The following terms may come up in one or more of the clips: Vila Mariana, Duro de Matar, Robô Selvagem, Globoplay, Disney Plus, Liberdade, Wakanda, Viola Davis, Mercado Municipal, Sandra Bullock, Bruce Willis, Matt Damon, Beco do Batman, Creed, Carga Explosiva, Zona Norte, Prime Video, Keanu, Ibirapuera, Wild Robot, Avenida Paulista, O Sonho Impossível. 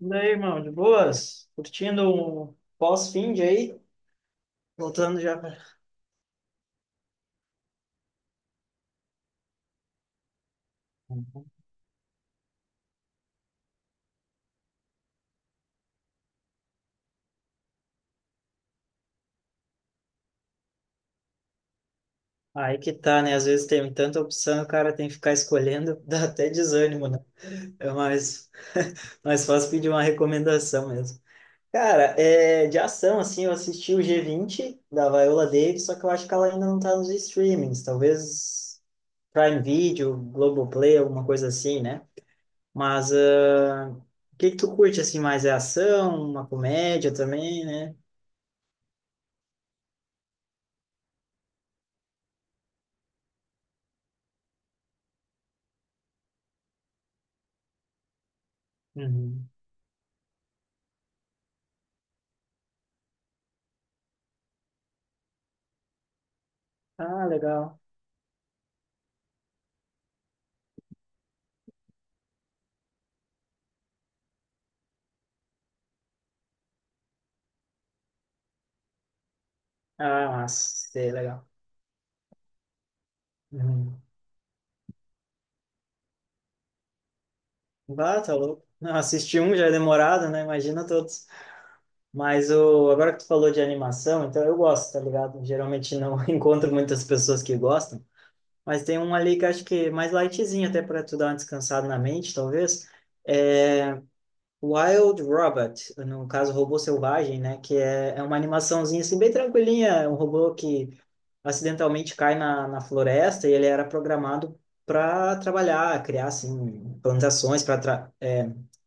E aí, irmão, de boas? Curtindo um pós-finde aí? Voltando já Aí que tá, né? Às vezes tem tanta opção, o cara tem que ficar escolhendo, dá até desânimo, né? É mais, mais fácil pedir uma recomendação mesmo. Cara, é, de ação, assim, eu assisti o G20 da Viola Davis, só que eu acho que ela ainda não tá nos streamings. Talvez Prime Video, Globoplay, alguma coisa assim, né? Mas o que que tu curte, assim, mais é ação, uma comédia também, né? Uhum. Ah, legal. Ah, sei, legal. Uhum. Bah, tá louco. Não, assistir um já é demorado, né? Imagina todos. Mas agora que tu falou de animação, então eu gosto, tá ligado? Geralmente não encontro muitas pessoas que gostam, mas tem um ali que acho que é mais lightzinho, até para tu dar uma descansada na mente, talvez. É Wild Robot, no caso, Robô Selvagem, né? Que é uma animaçãozinha assim, bem tranquilinha, um robô que acidentalmente cai na floresta e ele era programado para trabalhar, criar assim plantações para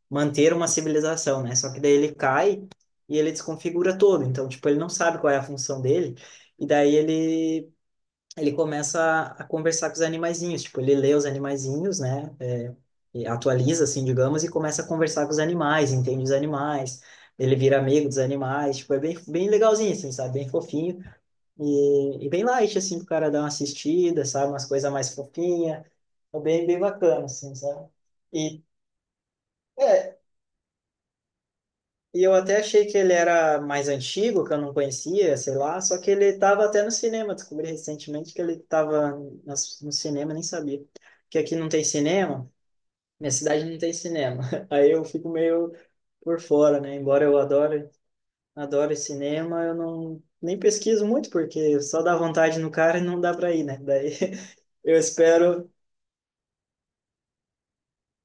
manter uma civilização, né? Só que daí ele cai e ele desconfigura todo, então tipo ele não sabe qual é a função dele e daí ele começa a conversar com os animaizinhos, tipo ele lê os animaizinhos, né? É, e atualiza assim, digamos, e começa a conversar com os animais, entende os animais. Ele vira amigo dos animais, tipo, é bem, bem legalzinho, assim, sabe? Bem fofinho. E bem light, assim, pro cara dar uma assistida, sabe? Umas coisas mais fofinhas. Bem, bem bacana, assim, sabe? E, é, e eu até achei que ele era mais antigo, que eu não conhecia, sei lá. Só que ele tava até no cinema. Descobri recentemente que ele tava no cinema, nem sabia. Que aqui não tem cinema. Minha cidade não tem cinema. Aí eu fico meio por fora, né? Embora eu adore, adore cinema, eu não... Nem pesquiso muito, porque só dá vontade no cara e não dá para ir, né? Daí eu espero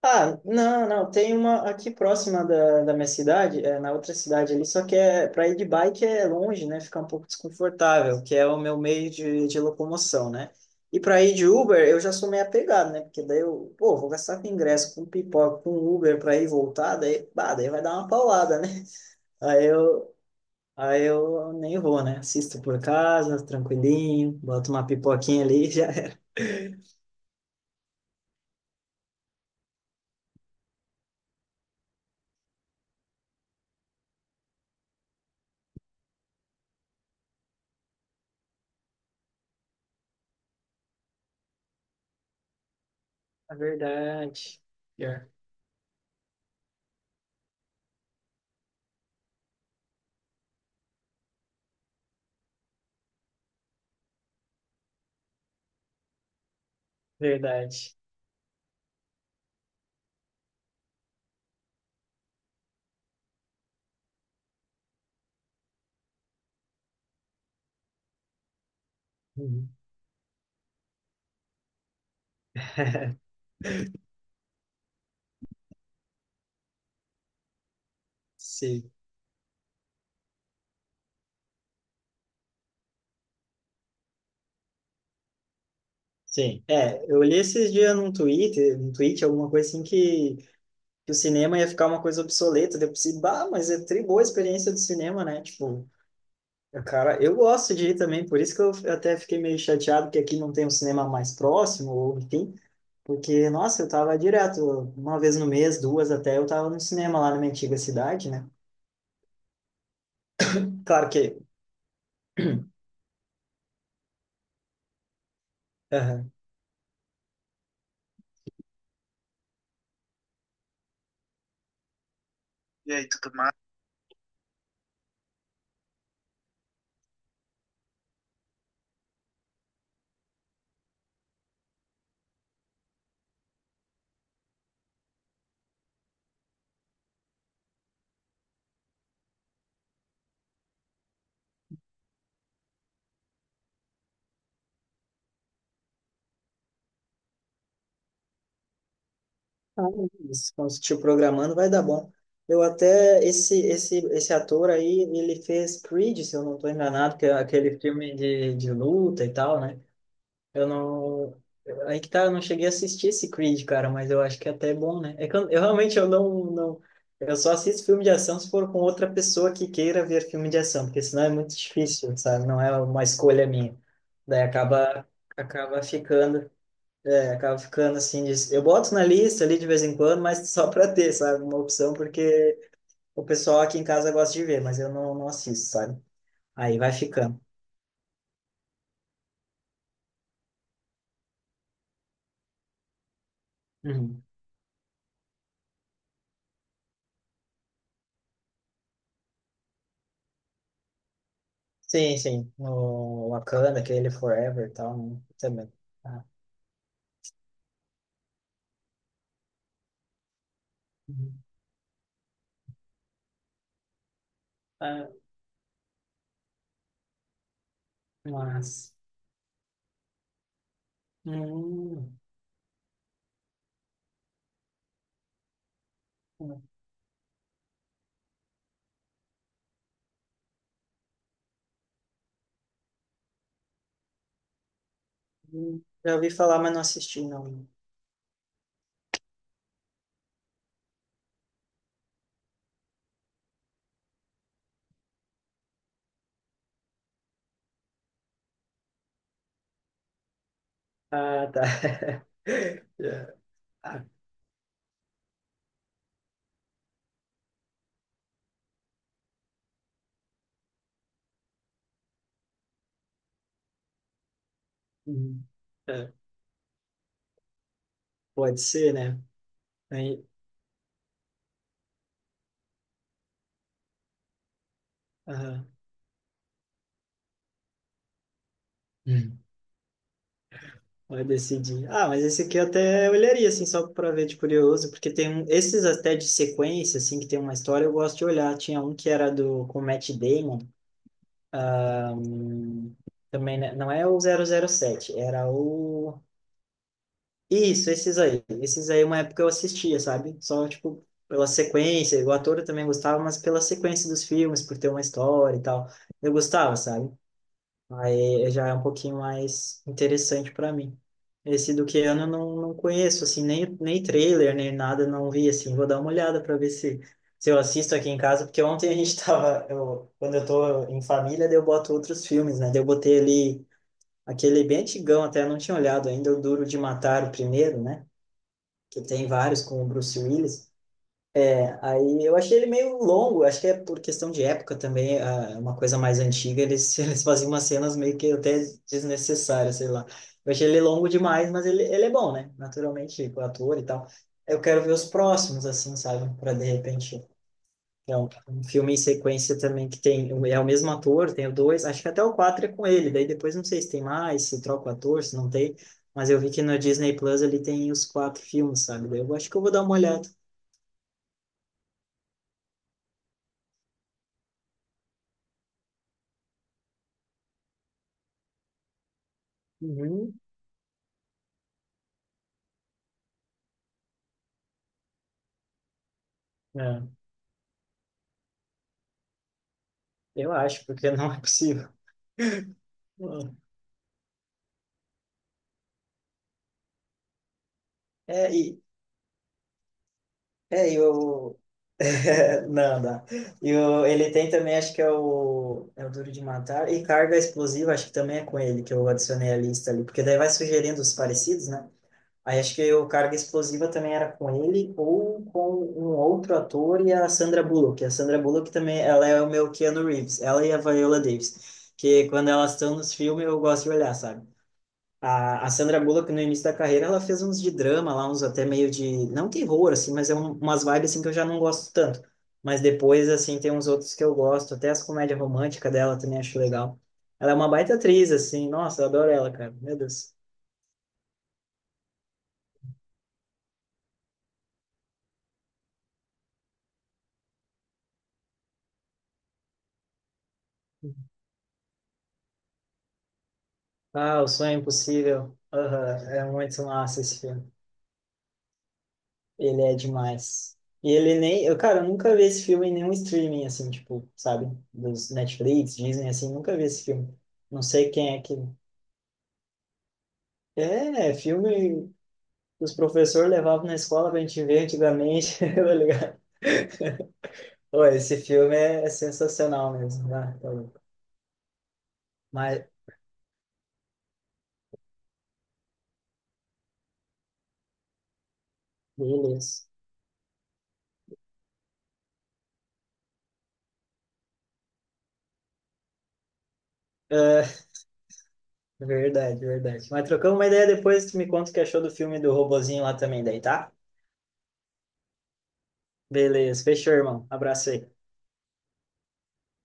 Ah, não, não, tem uma aqui próxima da minha cidade, é, na outra cidade ali, só que é para ir de bike é longe, né? Fica um pouco desconfortável, que é o meu meio de locomoção, né? E para ir de Uber, eu já sou meio apegado, né? Porque daí eu, pô, vou gastar com ingresso, com pipoca, com Uber para ir e voltar, daí, bah, daí vai dar uma paulada, né? Aí eu, aí eu nem vou, né? Assisto por casa, tranquilinho, boto uma pipoquinha ali e já era. É verdade. Pior. Verdade. Uhum. Sim, sim. É, eu li esses dias num Twitter, num tweet, alguma coisa assim, que o cinema ia ficar uma coisa obsoleta. Daí eu pensei, bah, mas é tri boa a experiência do cinema, né? Tipo, cara, eu gosto de ir também, por isso que eu até fiquei meio chateado que aqui não tem um cinema mais próximo, ou enfim, porque, nossa, eu tava direto, uma vez no mês, duas até, eu tava no cinema lá na minha antiga cidade, né? Claro que. Aham. Ah, isso. Quando você estiver programando, vai dar bom. Eu até, esse ator aí, ele fez Creed, se eu não estou enganado, que é aquele filme de luta e tal, né? Eu não... Aí que tá, eu não cheguei a assistir esse Creed, cara, mas eu acho que é até bom, né? É que eu realmente, eu não, não... Eu só assisto filme de ação se for com outra pessoa que queira ver filme de ação, porque senão é muito difícil, sabe? Não é uma escolha minha. Daí acaba ficando... É, acaba ficando assim. Eu boto na lista ali de vez em quando, mas só para ter, sabe? Uma opção, porque o pessoal aqui em casa gosta de ver, mas eu não assisto, sabe? Aí vai ficando. Uhum. Sim, sim. O Wakanda, aquele Forever e tal, né? Também. Ah, uhum. Ah, mas. Hum, Já ouvi falar, mas não assisti, não. Ah, tá. É. Ah, uhum. É, pode ser, né? Aí, aham. Vai decidir. Ah, mas esse aqui eu até olharia, assim, só pra ver de curioso, porque tem um, esses até de sequência, assim, que tem uma história, eu gosto de olhar. Tinha um que era do, com o Matt Damon, também, né? Não é o 007 era o... Isso, esses aí. Esses aí, uma época eu assistia, sabe? Só, tipo, pela sequência, o ator eu também gostava, mas pela sequência dos filmes, por ter uma história e tal. Eu gostava, sabe? Aí já é um pouquinho mais interessante para mim. Esse do Keanu eu não conheço, assim, nem trailer, nem nada, não vi, assim. Vou dar uma olhada para ver se eu assisto aqui em casa, porque ontem a gente tava, eu, quando eu tô em família, daí eu boto outros filmes, né? Daí eu botei ali aquele bem antigão, até eu não tinha olhado ainda, o Duro de Matar, o primeiro, né? Que tem vários com o Bruce Willis. Aí eu achei ele meio longo, acho que é por questão de época também, é uma coisa mais antiga, eles, eles faziam umas cenas meio que até desnecessárias, sei lá. Eu achei ele longo demais, mas ele é bom, né? Naturalmente, o ator e tal. Eu quero ver os próximos, assim, sabe? Para de repente. É um filme em sequência também que tem. É o mesmo ator, tem o dois, acho que até o quatro é com ele, daí depois não sei se tem mais, se troca o ator, se não tem. Mas eu vi que no Disney Plus ali tem os quatro filmes, sabe? Daí eu acho que eu vou dar uma olhada. Uhum. É. Eu acho, porque não é possível. É, e, é, e o... não, não. Ele tem também, acho que é o Duro de Matar, e Carga Explosiva, acho que também é com ele que eu adicionei a lista ali, porque daí vai sugerindo os parecidos, né? Aí acho que o Carga Explosiva também era com ele, ou com um outro ator e a Sandra Bullock. A Sandra Bullock também, ela é o meu Keanu Reeves, ela e a Viola Davis, que quando elas estão nos filmes eu gosto de olhar, sabe? A Sandra Bullock, no início da carreira, ela fez uns de drama lá, uns até meio de... Não terror, assim, mas é umas vibes, assim, que eu já não gosto tanto. Mas depois, assim, tem uns outros que eu gosto. Até as comédias românticas dela também acho legal. Ela é uma baita atriz, assim. Nossa, eu adoro ela, cara. Meu Deus. Ah, O Sonho Impossível. Aham, é muito massa esse filme. Ele é demais. E ele nem... Eu, cara, eu nunca vi esse filme em nenhum streaming, assim, tipo, sabe? Dos Netflix, Disney, assim, nunca vi esse filme. Não sei quem é que... É filme os professores levavam na escola pra gente ver antigamente, tá ligado? Pô, esse filme é sensacional mesmo, né? Tá louco. Mas, beleza. É, verdade, verdade. Mas trocamos uma ideia depois, tu me conta o que achou do filme do robozinho lá também, daí, tá? Beleza, fechou, irmão. Abraço aí.